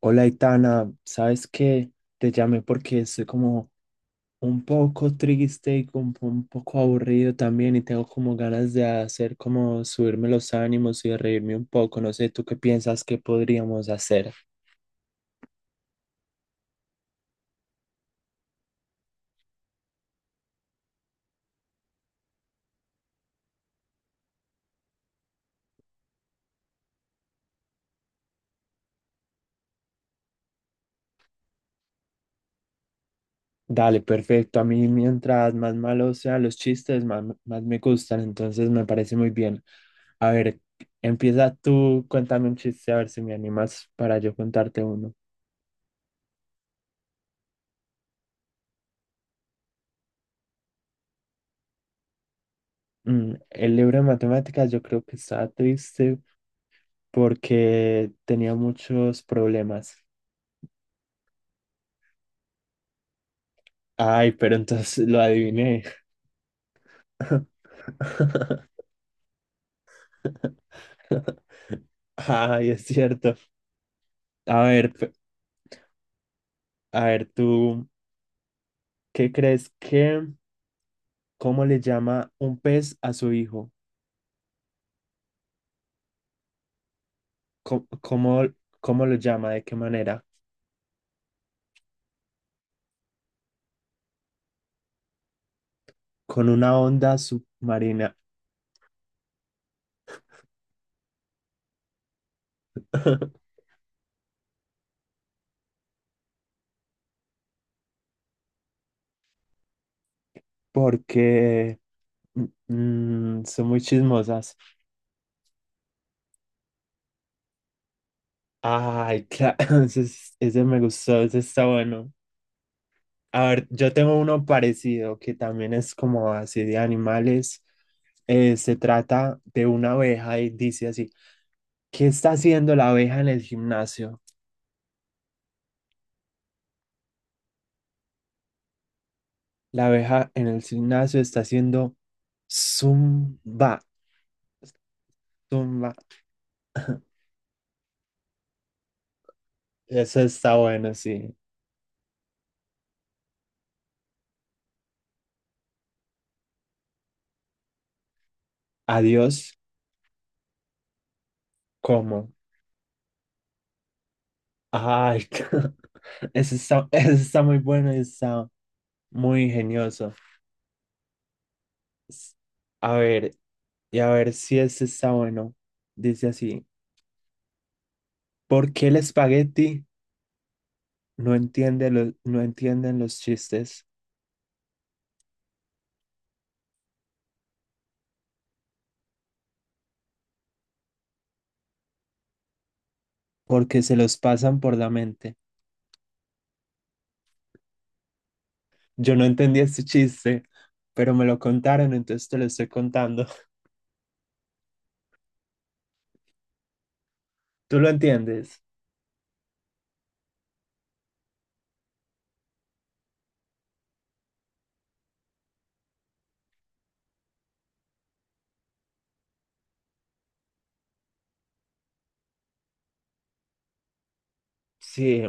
Hola, Itana, ¿sabes qué? Te llamé porque estoy como un poco triste y como un poco aburrido también y tengo como ganas de hacer como subirme los ánimos y de reírme un poco. No sé, ¿tú qué piensas que podríamos hacer? Dale, perfecto. A mí mientras más malos sean los chistes, más me gustan, entonces me parece muy bien. A ver, empieza tú, cuéntame un chiste, a ver si me animas para yo contarte uno. Mm, el libro de matemáticas yo creo que está triste porque tenía muchos problemas. Ay, pero entonces lo adiviné. Ay, es cierto. A ver, a ver, tú, ¿qué crees que, ¿cómo le llama un pez a su hijo? ¿Cómo, cómo, ¿cómo lo llama? ¿De qué manera? Con una onda submarina. Porque son muy chismosas. Ay, claro, ese me gustó, ese está bueno. A ver, yo tengo uno parecido que también es como así de animales. Se trata de una abeja y dice así, ¿qué está haciendo la abeja en el gimnasio? La abeja en el gimnasio está haciendo zumba, zumba. Eso está bueno, sí. Adiós, ¿cómo? Ay, eso está muy bueno, y está muy ingenioso. S- A ver, y a ver si este está bueno. Dice así. ¿Por qué el espagueti no entienden los chistes? Porque se los pasan por la mente. Yo no entendí este chiste, pero me lo contaron, entonces te lo estoy contando. ¿Tú lo entiendes? Sí.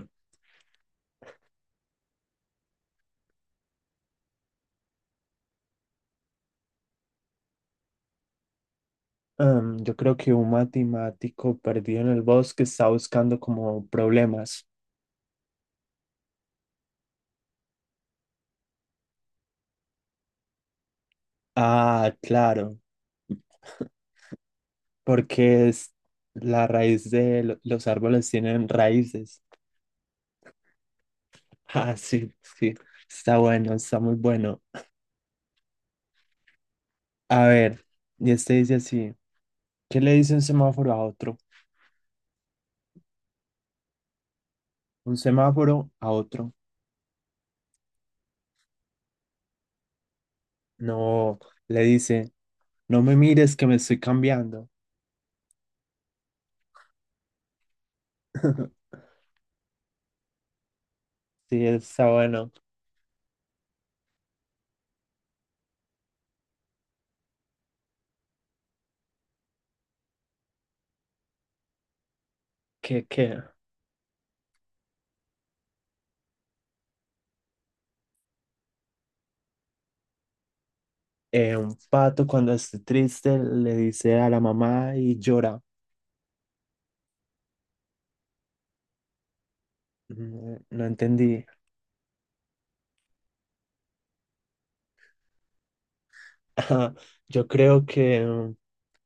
yo creo que un matemático perdido en el bosque está buscando como problemas. Ah, claro, porque es la raíz de lo- los árboles tienen raíces. Ah, sí. Está bueno, está muy bueno. A ver, y este dice así, ¿qué le dice un semáforo a otro? Un semáforo a otro. No, le dice, no me mires que me estoy cambiando. Sí, está bueno. ¿Qué? Un pato cuando esté triste le dice a la mamá y llora. Mm, no entendí. Yo creo que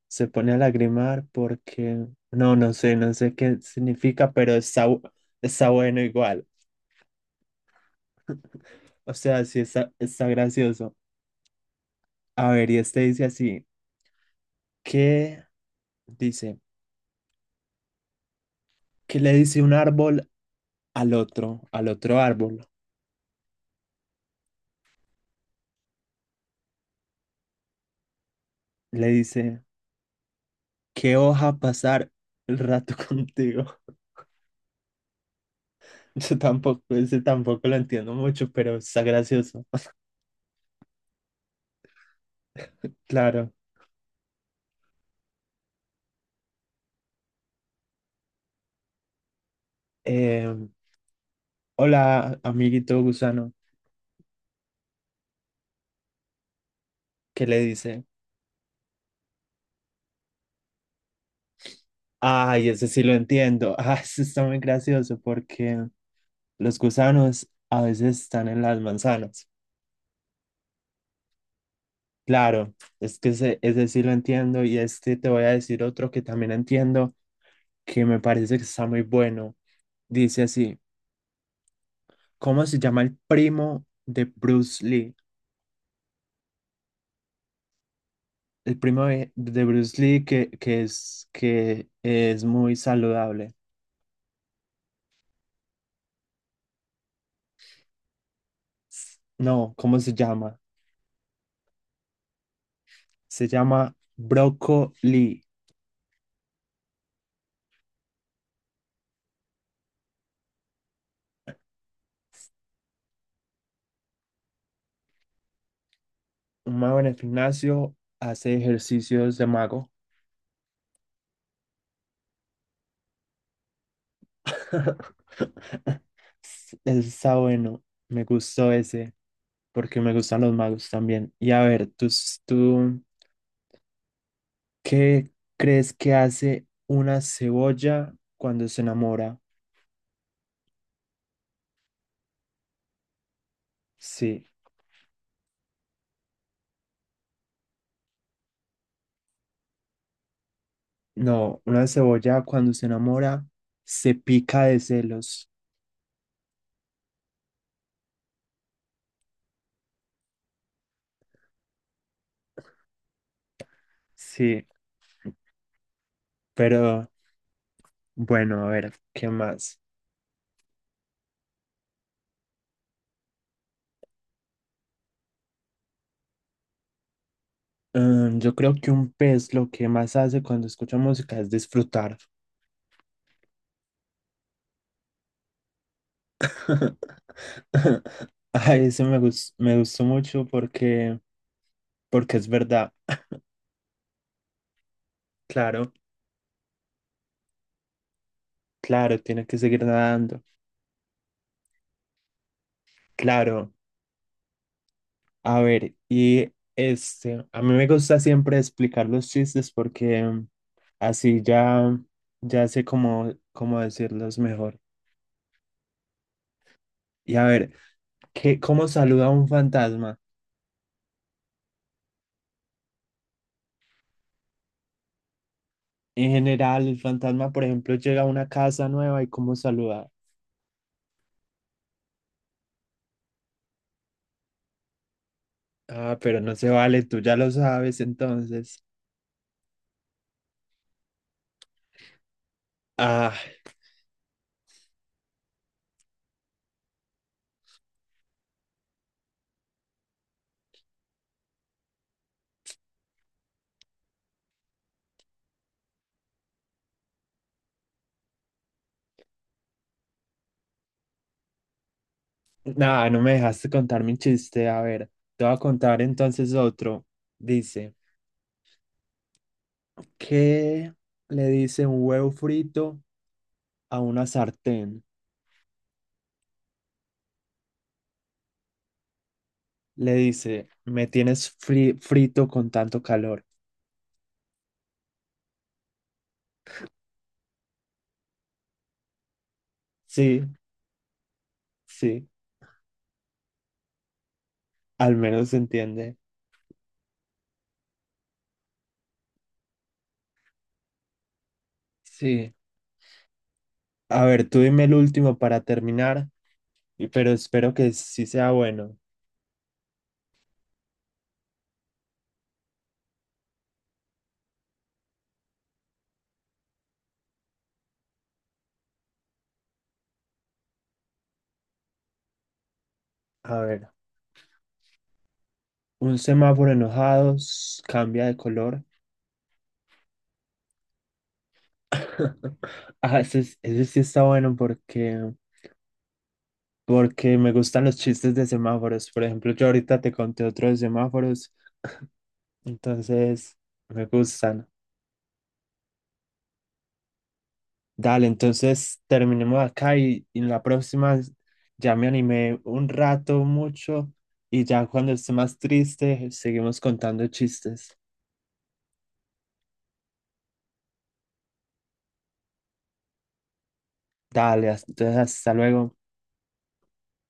se pone a lagrimar porque, no sé, no sé qué significa, pero está bueno igual. O sea, está gracioso. A ver, y este dice así, ¿qué dice? ¿Qué le dice un árbol al otro árbol? Le dice, ¿qué hoja pasar el rato contigo? Yo tampoco, ese tampoco lo entiendo mucho, pero está gracioso. Claro. Eh, hola, amiguito gusano. ¿Qué le dice? Ay, ese sí lo entiendo. Ah, ese está muy gracioso porque los gusanos a veces están en las manzanas. Claro, es que ese sí lo entiendo y este te voy a decir otro que también entiendo que me parece que está muy bueno. Dice así, ¿cómo se llama el primo de Bruce Lee? El primo de Bruce Lee que es muy saludable. No, ¿cómo se llama? Se llama Broccoli. Un mago en el gimnasio hace ejercicios de mago. Está bueno, me gustó ese, porque me gustan los magos también. Y a ver, tú qué crees que hace una cebolla cuando se enamora? Sí, no, una cebolla cuando se enamora se pica de celos. Sí, pero bueno, a ver, ¿qué más? Mm, yo creo que un pez lo que más hace cuando escucha música es disfrutar. Ay, me gustó mucho porque es verdad. Claro, claro, tiene que seguir nadando. Claro, a ver, y este, a mí me gusta siempre explicar los chistes porque así ya, ya sé cómo decirlos mejor. Y a ver, ¿cómo saluda un fantasma? En general, el fantasma, por ejemplo, llega a una casa nueva y cómo saluda. Ah, pero no se vale, tú ya lo sabes entonces. Ah. Nada, no me dejaste contar mi chiste. A ver, te voy a contar entonces otro. Dice, ¿qué le dice un huevo frito a una sartén? Le dice, frito con tanto calor. Sí, sí, al menos se entiende. Sí. A ver, tú dime el último para terminar, pero espero que sí sea bueno. A ver, un semáforo enojado cambia de color. Ah, ese sí está bueno porque... porque me gustan los chistes de semáforos. Por ejemplo, yo ahorita te conté otro de semáforos, entonces me gustan. Dale, entonces terminemos acá y en la próxima ya me animé un rato, mucho, y ya cuando esté más triste seguimos contando chistes. Dale, entonces hasta luego.